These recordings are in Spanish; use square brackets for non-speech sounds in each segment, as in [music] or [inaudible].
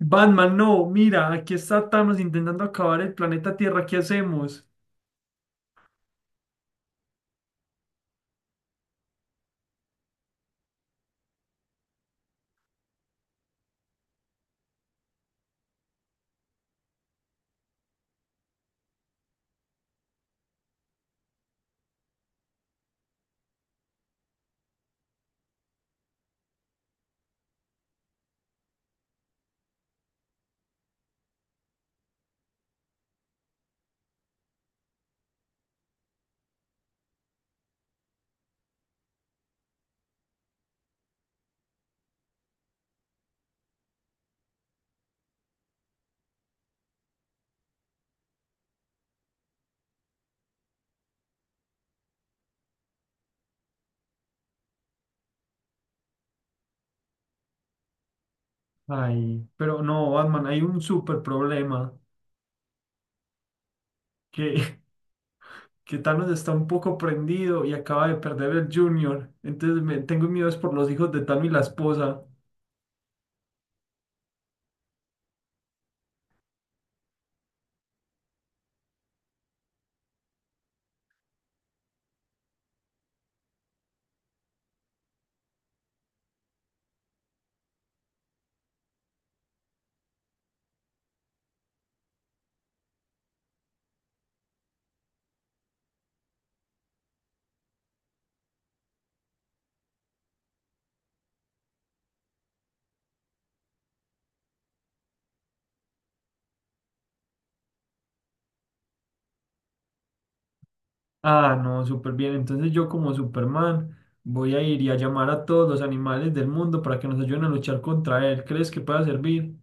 Batman, no, mira, aquí está Thanos intentando acabar el planeta Tierra, ¿qué hacemos? Ay, pero no, Batman, hay un súper problema, que, [laughs] que Thanos está un poco prendido y acaba de perder el Junior, entonces tengo miedo es por los hijos de Thanos y la esposa. Ah, no, súper bien, entonces yo como Superman voy a ir y a llamar a todos los animales del mundo para que nos ayuden a luchar contra él, ¿crees que pueda servir?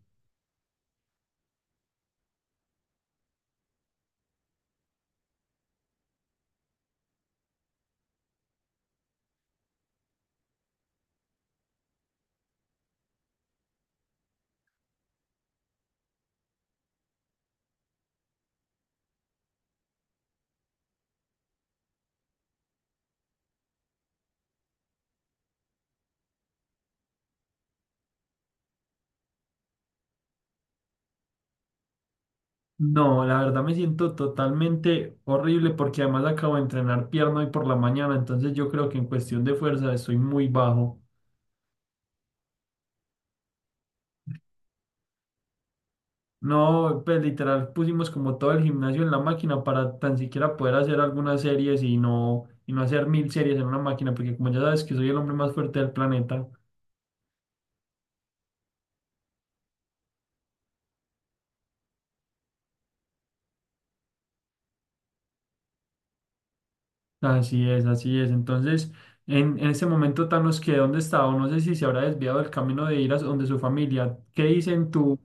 No, la verdad me siento totalmente horrible porque además acabo de entrenar pierna hoy por la mañana, entonces yo creo que en cuestión de fuerza estoy muy bajo. No, pues literal pusimos como todo el gimnasio en la máquina para tan siquiera poder hacer algunas series y no hacer mil series en una máquina, porque como ya sabes que soy el hombre más fuerte del planeta, así es, así es. Entonces, en ese momento Thanos que dónde estaba, o no sé si se habrá desviado del camino de ir a donde su familia. ¿Qué dicen tú?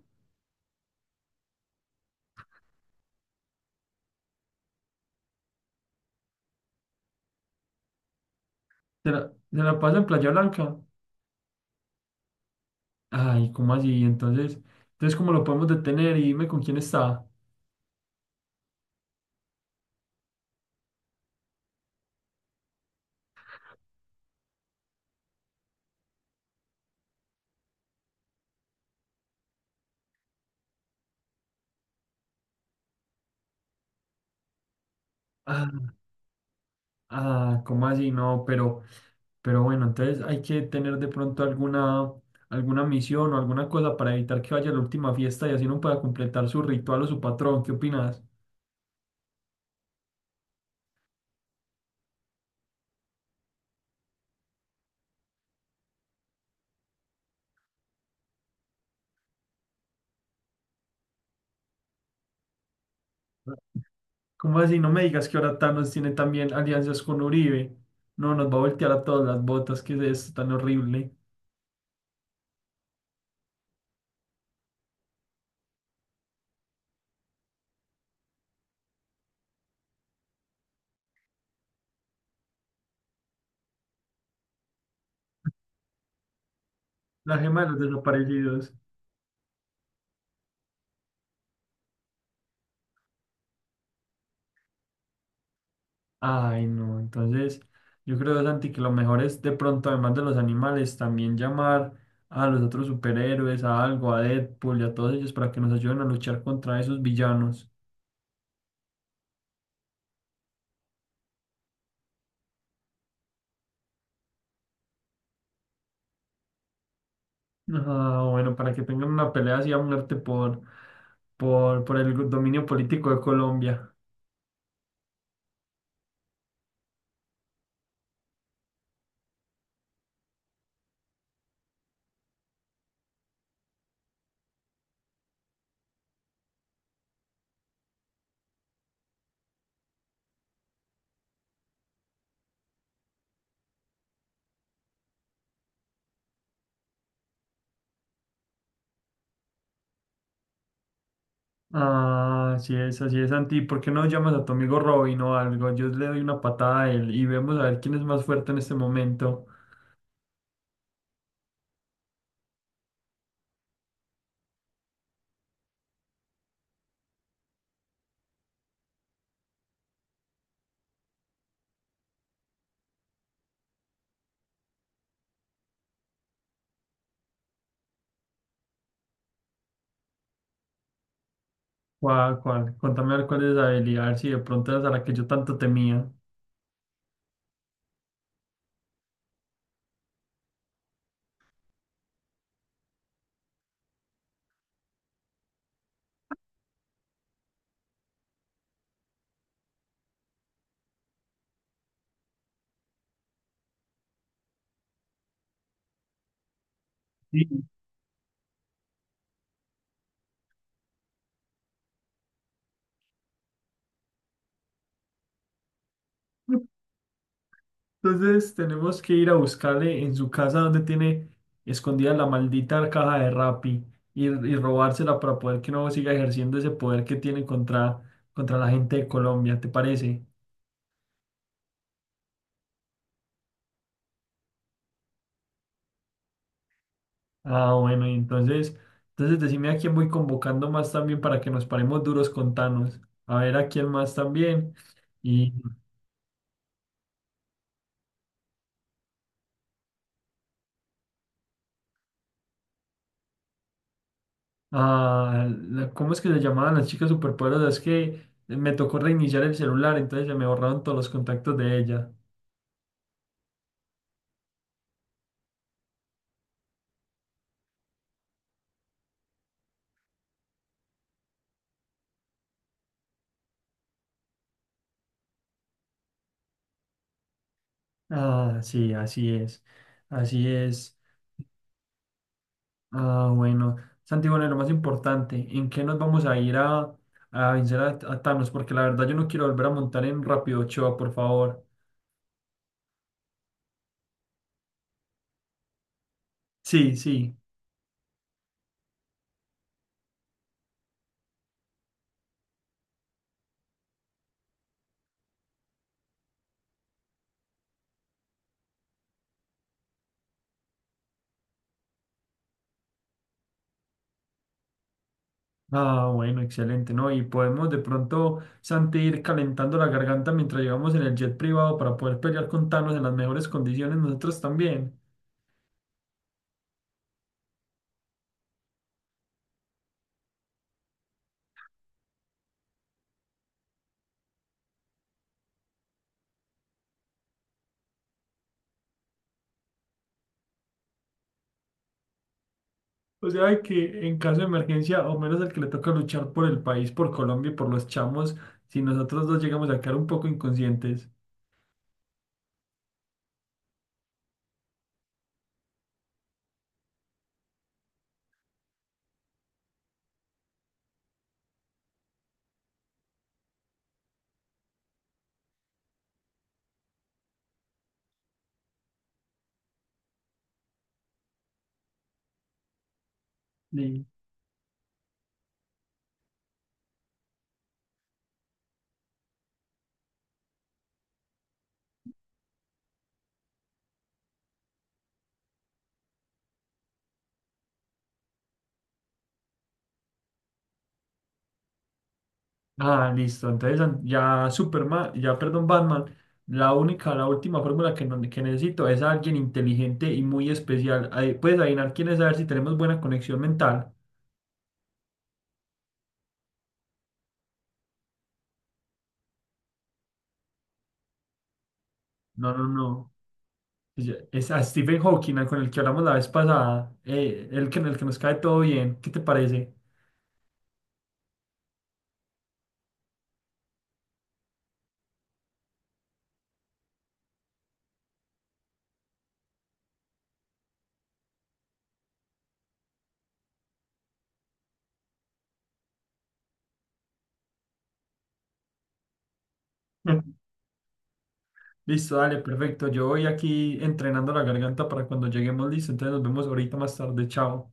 Se la pasa en Playa Blanca? Ay, ¿cómo así? Entonces, entonces ¿cómo lo podemos detener? Y dime con quién está. Ah, ah, ¿cómo así? No, pero bueno, entonces hay que tener de pronto alguna, alguna misión o alguna cosa para evitar que vaya a la última fiesta y así no pueda completar su ritual o su patrón. ¿Qué opinas? ¿Cómo así? No me digas que ahora Thanos tiene también alianzas con Uribe. No, nos va a voltear a todas las botas, ¿que es esto tan horrible? La gema de los desaparecidos. Ay, no, entonces yo creo, Santi, que lo mejor es de pronto, además de los animales, también llamar a los otros superhéroes, a algo, a Deadpool y a todos ellos para que nos ayuden a luchar contra esos villanos. Ah, bueno, para que tengan una pelea así a muerte por el dominio político de Colombia. Ah, así es, Santi. ¿Por qué no llamas a tu amigo Robin o algo? Yo le doy una patada a él y vemos a ver quién es más fuerte en este momento. ¿Cuál, cuál? Contame a ver cuál es la habilidad, a ver si de pronto es a la que yo tanto temía. Sí. Entonces tenemos que ir a buscarle en su casa donde tiene escondida la maldita caja de Rappi y robársela para poder que no siga ejerciendo ese poder que tiene contra, contra la gente de Colombia, ¿te parece? Ah, bueno, y entonces, entonces decime a quién voy convocando más también para que nos paremos duros con Thanos. A ver a quién más también. ¿A la- cómo es que le llamaban las chicas superpoderosas? Es que me tocó reiniciar el celular, entonces se me borraron todos los contactos de ella. Ah, sí, así es, así es. Ah, bueno, Santi, bueno, y lo más importante, ¿en qué nos vamos a ir a vencer a Thanos? Porque la verdad yo no quiero volver a montar en Rápido Ochoa, por favor. Sí, sí. Ah, bueno, excelente, ¿no? Y podemos de pronto, Santi, ir calentando la garganta mientras llegamos en el jet privado para poder pelear con Thanos en las mejores condiciones nosotros también. O sea, de que en caso de emergencia, o menos el que le toca luchar por el país, por Colombia y por los chamos, si nosotros dos llegamos a quedar un poco inconscientes. Sí. Ah, listo. Entonces an- ya Superman, ya perdón, Batman, la única, la última fórmula que, no- que necesito es a alguien inteligente y muy especial. Ahí, puedes adivinar quién es, a ver si tenemos buena conexión mental. No, no, no. Ya- es a Stephen Hawking, al con el que hablamos la vez pasada, el que nos cae todo bien. ¿Qué te parece? [laughs] Listo, dale, perfecto. Yo voy aquí entrenando la garganta para cuando lleguemos, listo. Entonces nos vemos ahorita más tarde. Chao.